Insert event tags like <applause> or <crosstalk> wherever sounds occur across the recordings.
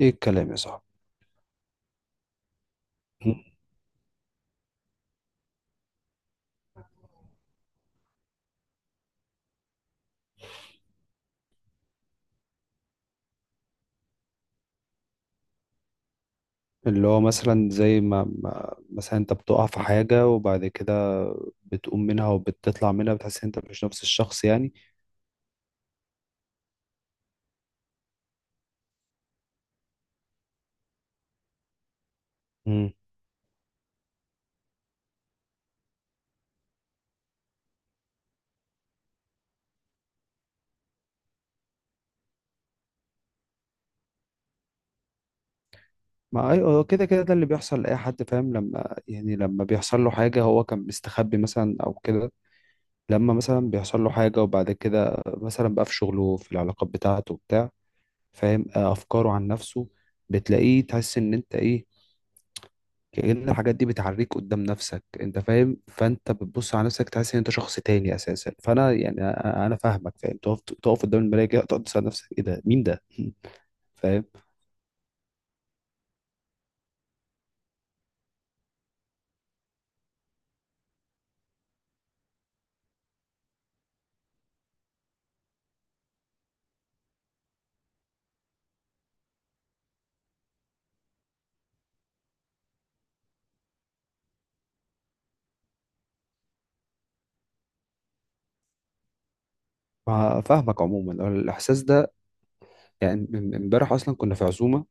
ايه الكلام يا صاحبي؟ اللي هو مثلا زي ما مثلا انت بتقع في حاجة وبعد كده بتقوم منها وبتطلع منها، بتحس ان انت مش نفس الشخص يعني. مم. ما اي هو كده ده اللي بيحصل لأي حد، فاهم؟ لما يعني لما بيحصل له حاجة هو كان مستخبي مثلا او كده، لما مثلا بيحصل له حاجة وبعد كده مثلا بقى في شغله، في العلاقات بتاعته وبتاع، فاهم؟ افكاره عن نفسه بتلاقيه، تحس ان انت ايه، كأن الحاجات دي بتعريك قدام نفسك، انت فاهم؟ فانت بتبص على نفسك تحس ان انت شخص تاني اساسا. فانا يعني انا فاهمك، فاهم؟ تقف قدام المراية كده، تقعد تسأل نفسك ايه ده، مين ده؟ <laughs> فاهم. فاهمك. عموما هو الاحساس ده يعني امبارح اصلا كنا في عزومة،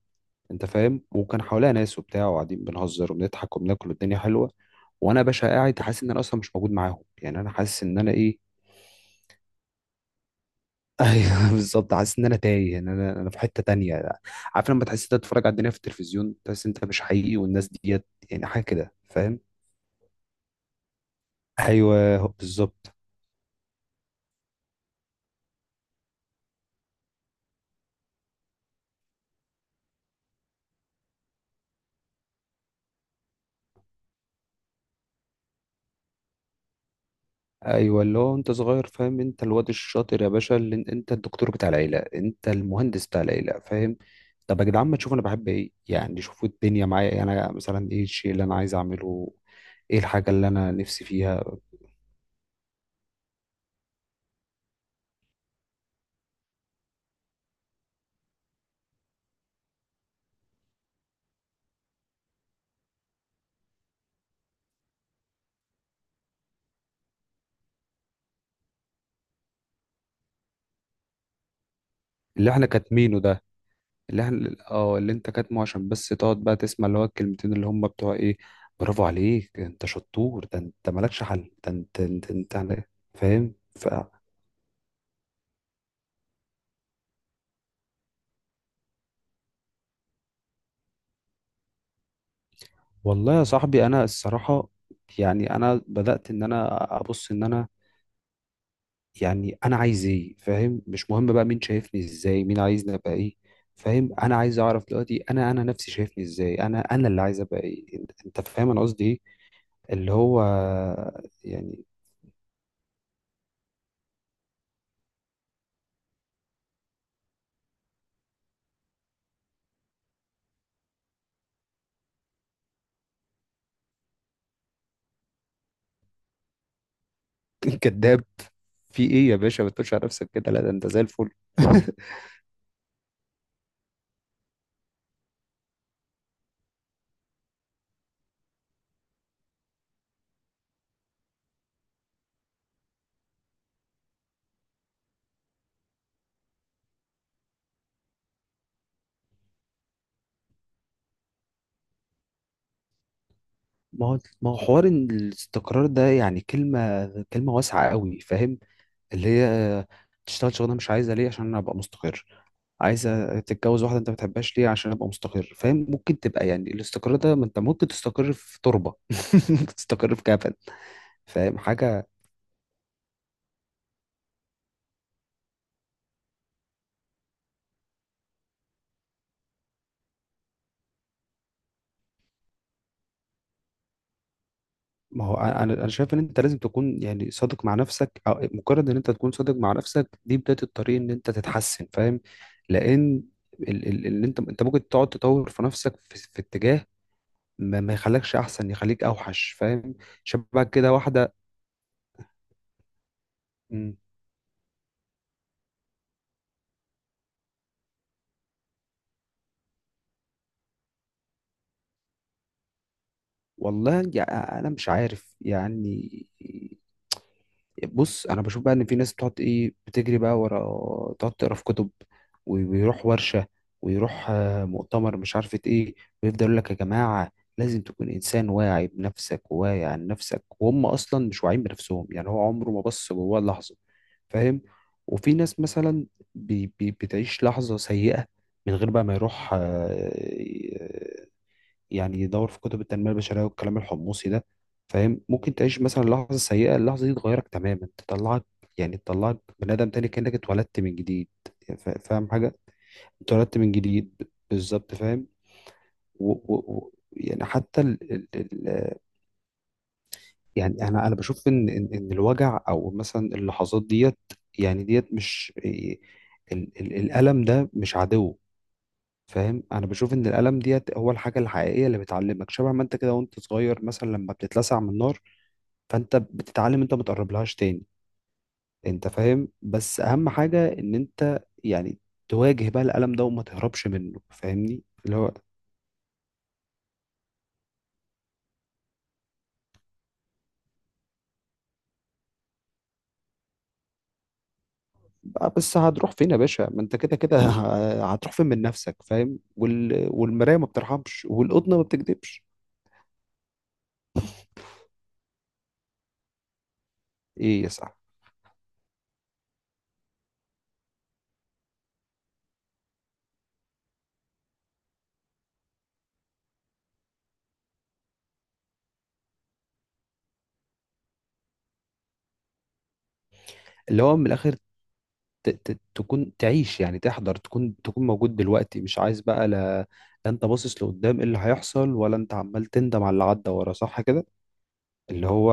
انت فاهم، وكان حواليها ناس وبتاع، وقاعدين بنهزر وبنضحك وبناكل والدنيا حلوة، وانا يا باشا قاعد حاسس ان انا اصلا مش موجود معاهم. يعني انا حاسس ان انا ايه؟ ايوه <laughs> بالظبط. حاسس ان انا تايه، ان انا في حته تانية. عارف لما تحس انت تتفرج على الدنيا في التلفزيون، تحس انت مش حقيقي والناس ديت، يعني حاجه كده، فاهم؟ ايوه، بالظبط. ايوه، اللي هو انت صغير، فاهم، انت الواد الشاطر يا باشا، اللي انت الدكتور بتاع العيله، انت المهندس بتاع العيله، فاهم؟ طب يا جدعان ما تشوفوا انا بحب ايه؟ يعني شوفوا الدنيا معايا انا مثلا ايه الشيء اللي انا عايز اعمله، ايه الحاجه اللي انا نفسي فيها؟ اللي احنا كاتمينه ده، اللي احنا اه اللي انت كاتمه عشان بس تقعد بقى تسمع اللي هو الكلمتين اللي هم بتوع ايه، برافو عليك، انت شطور، ده انت مالكش حل، ده انت انت إيه؟ فاهم. ف، والله يا صاحبي انا الصراحة يعني انا بدأت ان انا ابص ان انا، يعني انا عايز ايه؟ فاهم؟ مش مهم بقى مين شايفني ازاي، مين عايزني ابقى ايه، فاهم؟ انا عايز اعرف دلوقتي انا، نفسي شايفني ازاي، انا اللي عايز ابقى ايه انت، فاهم انا قصدي ايه اللي هو يعني؟ <laughs> كداب؟ في ايه يا باشا؟ ما تقولش على نفسك كده، لا ده انت زي الفل. <laughs> ما هو حوار إن الاستقرار ده يعني كلمة واسعة قوي، فاهم؟ اللي هي تشتغل شغلانة مش عايزة ليه؟ عشان انا ابقى مستقر. عايزة تتجوز واحدة انت ما بتحبهاش ليه؟ عشان ابقى مستقر. فاهم؟ ممكن تبقى يعني الاستقرار ده، ما انت ممكن تستقر في تربة، <laughs> ممكن تستقر في كفن. فاهم حاجة؟ ما هو انا انا شايف ان انت لازم تكون يعني صادق مع نفسك، او مجرد ان انت تكون صادق مع نفسك دي بداية الطريق ان انت تتحسن، فاهم؟ لان اللي انت ممكن تقعد تطور في نفسك في اتجاه ما يخليكش احسن، يخليك اوحش، فاهم؟ شباب كده واحده. مم، والله انا مش عارف يعني. بص، انا بشوف بقى ان في ناس بتقعد ايه، بتجري بقى ورا، تقعد تقرا في كتب ويروح ورشه، ويروح مؤتمر مش عارفه ايه، ويفضل يقول لك يا جماعه لازم تكون انسان واعي بنفسك وواعي عن نفسك، وهم اصلا مش واعيين بنفسهم، يعني هو عمره ما بص جواه لحظه، فاهم؟ وفي ناس مثلا بي بي بتعيش لحظه سيئه من غير بقى ما يروح يعني يدور في كتب التنمية البشرية والكلام الحمصي ده، فاهم؟ ممكن تعيش مثلا لحظة سيئة، اللحظة دي تغيرك تماما، تطلعك يعني تطلعك بني آدم تاني كأنك اتولدت من جديد. فاهم حاجة؟ اتولدت من جديد بالظبط، فاهم؟ و يعني حتى ال ال ال يعني انا بشوف ان إن الوجع او مثلا اللحظات ديت، يعني ديت مش ال ال الألم ده مش عدو، فاهم؟ انا بشوف ان الالم ديت هو الحاجه الحقيقيه اللي بتعلمك، شبه ما انت كده وانت صغير مثلا لما بتتلسع من النار، فانت بتتعلم انت ما تقربلهاش تاني، انت فاهم؟ بس اهم حاجه ان انت يعني تواجه بقى الالم ده وما تهربش منه، فاهمني؟ اللي هو بقى بس هتروح فين يا باشا؟ ما انت كده كده، <laughs> هتروح فين من نفسك؟ فاهم؟ وال... والمرايه ما بترحمش، والقطنه ما بتكذبش. ايه يا صاحبي؟ اللي هو من الاخر، تكون تعيش، يعني تحضر، تكون موجود دلوقتي، مش عايز بقى لا انت باصص لقدام ايه اللي هيحصل، ولا انت عمال تندم على اللي عدى ورا، صح كده؟ اللي هو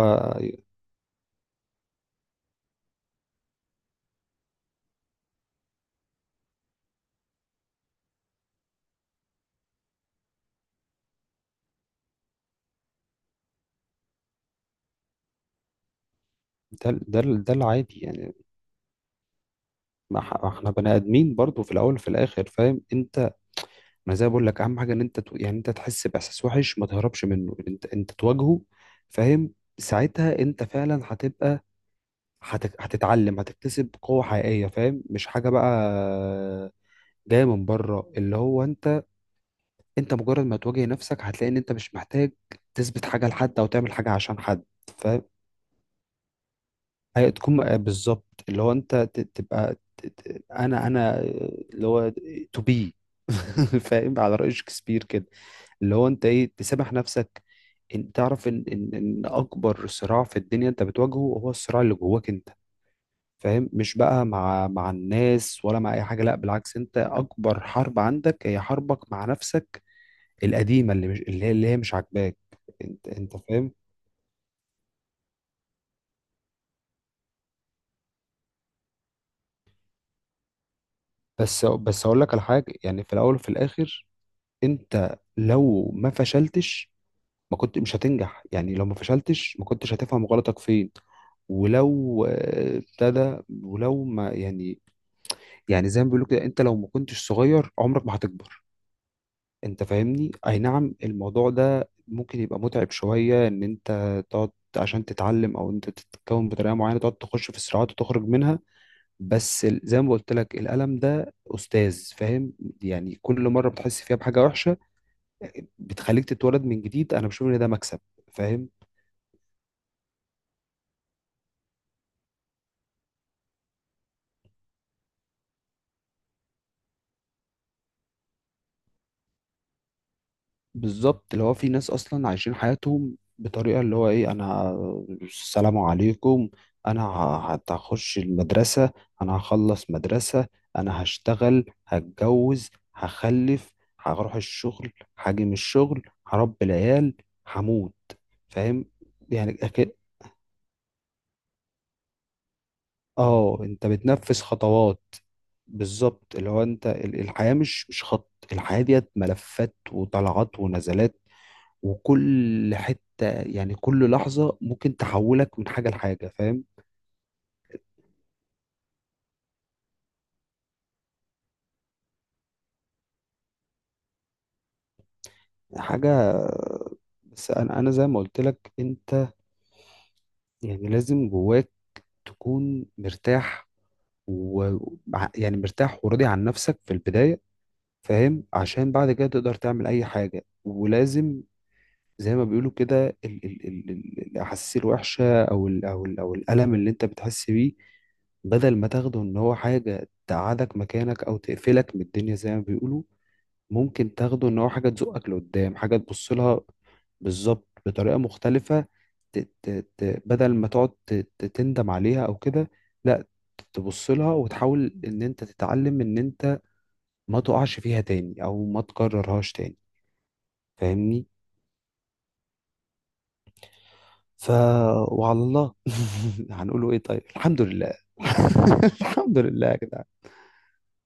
ده ده ده العادي يعني. ما احنا بني ادمين برضو في الاول وفي الاخر، فاهم انت؟ ما زي ما بقول لك، اهم حاجه ان انت يعني انت تحس باحساس وحش ما تهربش منه، انت تواجهه، فاهم؟ ساعتها انت فعلا هتبقى هتتعلم، هتكتسب قوة حقيقية، فاهم؟ مش حاجة بقى جاية من بره، اللي هو انت، مجرد ما تواجه نفسك هتلاقي ان انت مش محتاج تثبت حاجه لحد او تعمل حاجه عشان حد. فهتكون بالظبط اللي هو انت ت- تبقى ت- ت- انا انا اللي هو تو بي، <laughs> فاهم؟ على رأي شكسبير كده، اللي هو انت ايه تسامح نفسك، ان تعرف ان اكبر صراع في الدنيا انت بتواجهه هو الصراع اللي جواك انت، فاهم؟ مش بقى مع الناس ولا مع اي حاجه، لا بالعكس، انت اكبر حرب عندك هي حربك مع نفسك القديمه اللي مش اللي هي اللي هي مش عاجباك. انت فاهم. بس اقول لك على حاجه، يعني في الاول وفي الاخر انت لو ما فشلتش ما كنت مش هتنجح، يعني لو ما فشلتش ما كنتش هتفهم غلطك فين. ولو ابتدى، ولو ما يعني، يعني زي ما بيقولوا كده انت لو ما كنتش صغير عمرك ما هتكبر، انت فاهمني؟ اي نعم الموضوع ده ممكن يبقى متعب شويه ان انت تقعد عشان تتعلم، او انت تتكون بطريقه معينه، تقعد تخش في صراعات وتخرج منها. بس زي ما قلت لك الألم ده أستاذ، فاهم؟ يعني كل مرة بتحس فيها بحاجة وحشة، بتخليك تتولد من جديد. أنا بشوف إن ده مكسب، فاهم؟ بالظبط. اللي هو في ناس أصلا عايشين حياتهم بطريقة اللي هو إيه؟ أنا السلام عليكم، أنا هخش المدرسة، أنا هخلص مدرسة، أنا هشتغل، هتجوز، هخلف، هروح الشغل، هاجي من الشغل، هربي العيال، هموت. فاهم يعني؟ اه انت بتنفذ خطوات. بالظبط، اللي هو انت الحياة مش خط، الحياة ديت ملفات وطلعات ونزلات، وكل حتة يعني كل لحظة ممكن تحولك من حاجة لحاجة، فاهم؟ حاجة، بس انا زي ما قلت لك، انت يعني لازم جواك تكون مرتاح و يعني مرتاح وراضي عن نفسك في البداية، فاهم؟ عشان بعد كده تقدر تعمل اي حاجة. ولازم زي ما بيقولوا كده الأحاسيس الوحشة أو ال أو ال أو الألم اللي أنت بتحس بيه، بدل ما تاخده إن هو حاجة تقعدك مكانك أو تقفلك من الدنيا زي ما بيقولوا، ممكن تاخده إن هو حاجة تزقك لقدام، حاجة تبص لها بالظبط بطريقة مختلفة، ت ت ت بدل ما تقعد ت ت تندم عليها أو كده، لا، تبص لها وتحاول إن أنت تتعلم إن أنت ما تقعش فيها تاني أو ما تكررهاش تاني، فاهمني؟ ف، وعلى الله <laughs> هنقوله ايه؟ طيب الحمد لله. <laughs> الحمد لله يا جدعان.